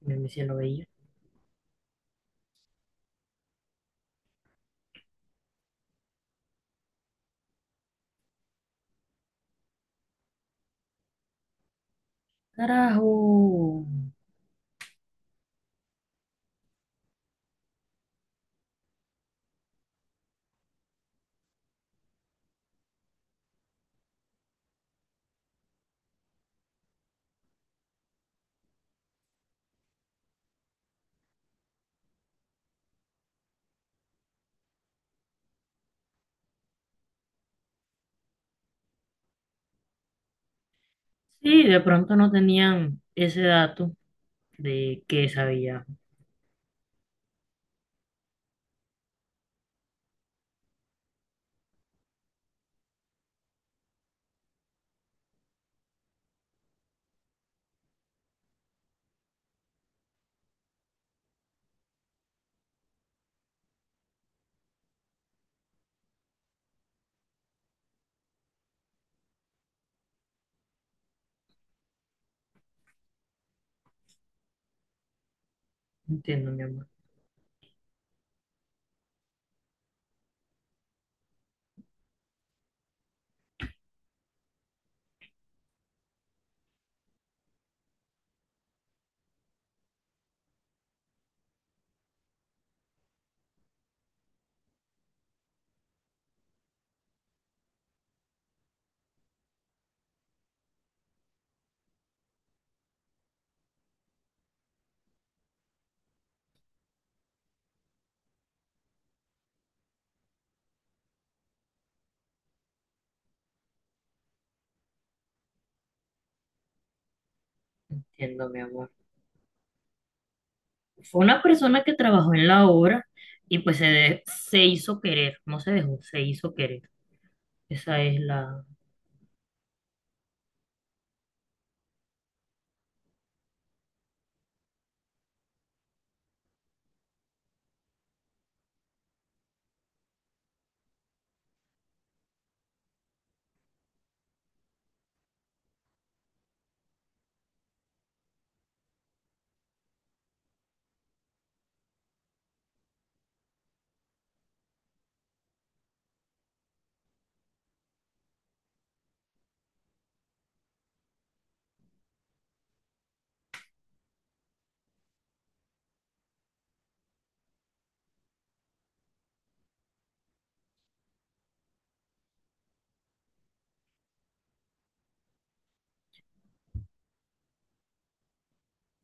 Me sí lo veía. Carajo. Sí, de pronto no tenían ese dato de que sabía. Entiendo, mi amor. Entiendo, mi amor. Fue una persona que trabajó en la obra y pues se hizo querer. No se dejó, se hizo querer. Esa es la...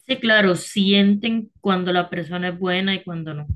Sí, claro, sienten cuando la persona es buena y cuando no.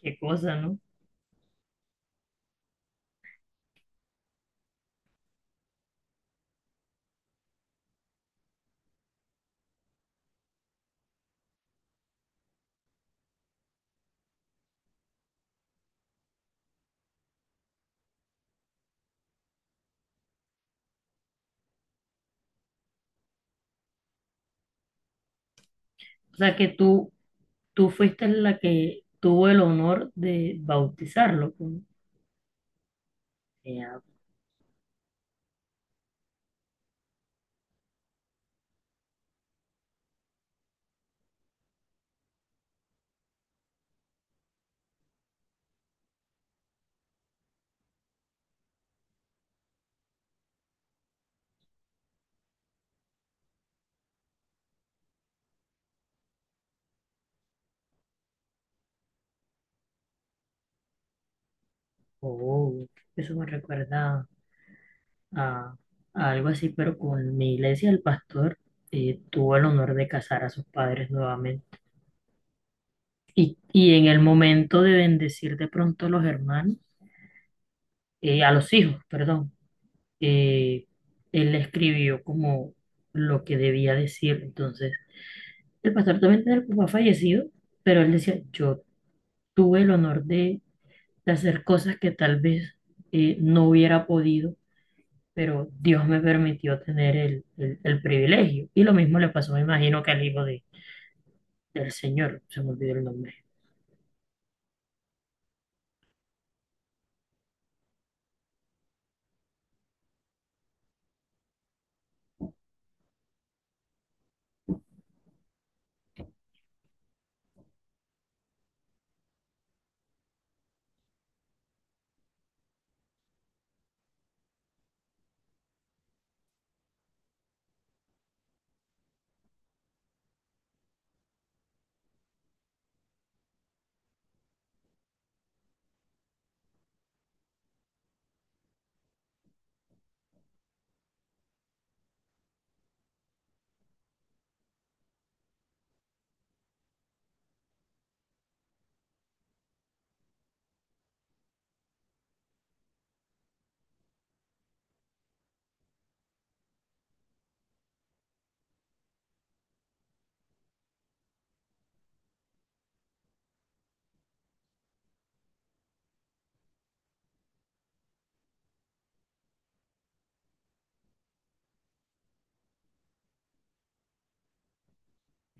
Qué cosa, ¿no? O sea, que tú fuiste la que tuvo el honor de bautizarlo, pues. Ya, oh, eso me recuerda a, a algo así, pero con mi iglesia el pastor tuvo el honor de casar a sus padres nuevamente. Y en el momento de bendecir de pronto a los hermanos, a los hijos, perdón, eh, él le escribió como lo que debía decir. Entonces, el pastor también tenía el papá fallecido, pero él decía, yo tuve el honor de hacer cosas que tal vez no hubiera podido, pero Dios me permitió tener el privilegio. Y lo mismo le pasó, me imagino, que al hijo de, del Señor, se me olvidó el nombre.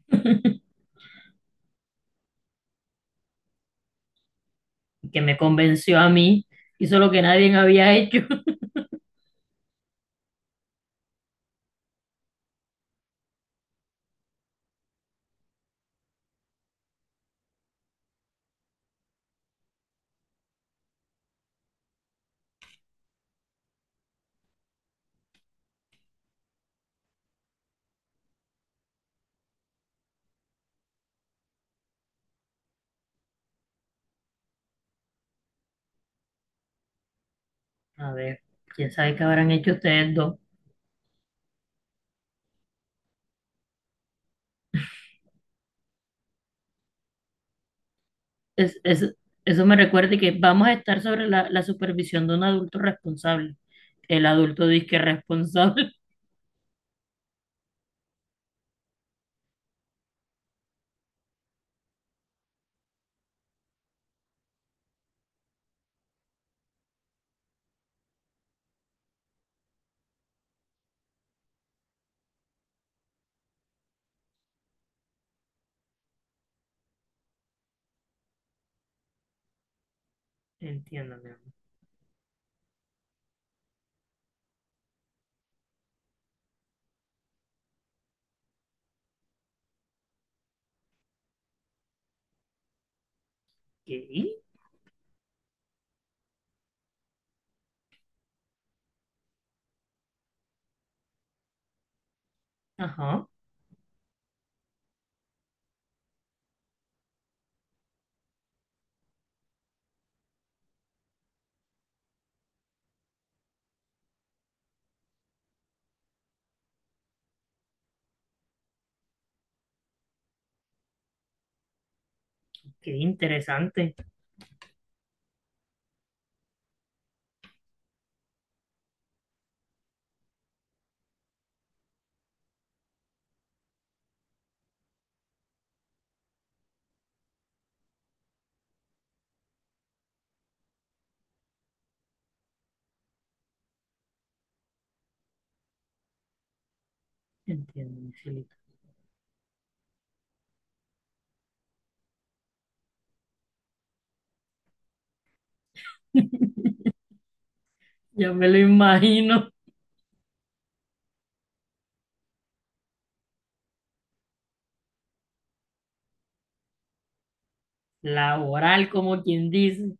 Que me convenció a mí, hizo lo que nadie había hecho. A ver, quién sabe qué habrán hecho ustedes dos. Es, es- Eso me recuerda que vamos a estar sobre la, la supervisión de un adulto responsable. El adulto disque responsable. Entiendo, mi amor. ¿Qué? Ajá, qué interesante. Entiendo, mi cielito. Ya me lo imagino. Laboral, como quien dice.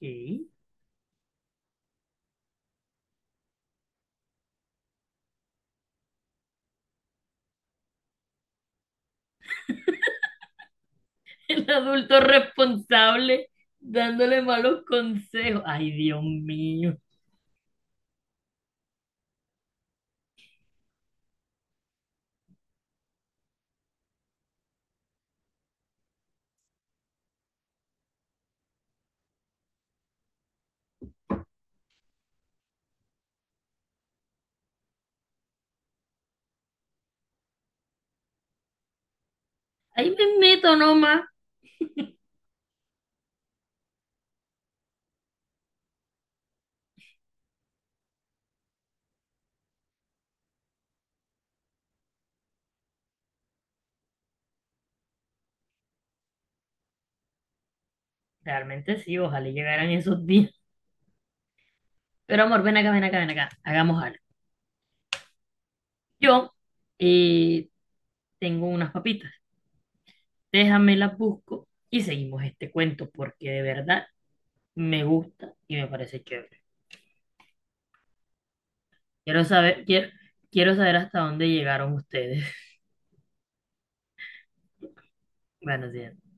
¿Qué? El adulto responsable dándole malos consejos. Ay, Dios mío. Ahí me meto nomás. Realmente sí, ojalá llegaran esos días. Pero amor, ven acá, ven acá, ven acá. Hagamos algo. Yo eh, tengo unas papitas. Déjame las busco y seguimos este cuento porque de verdad me gusta y me parece chévere. Quiero saber, quiero, quiero saber hasta dónde llegaron ustedes. Bueno días.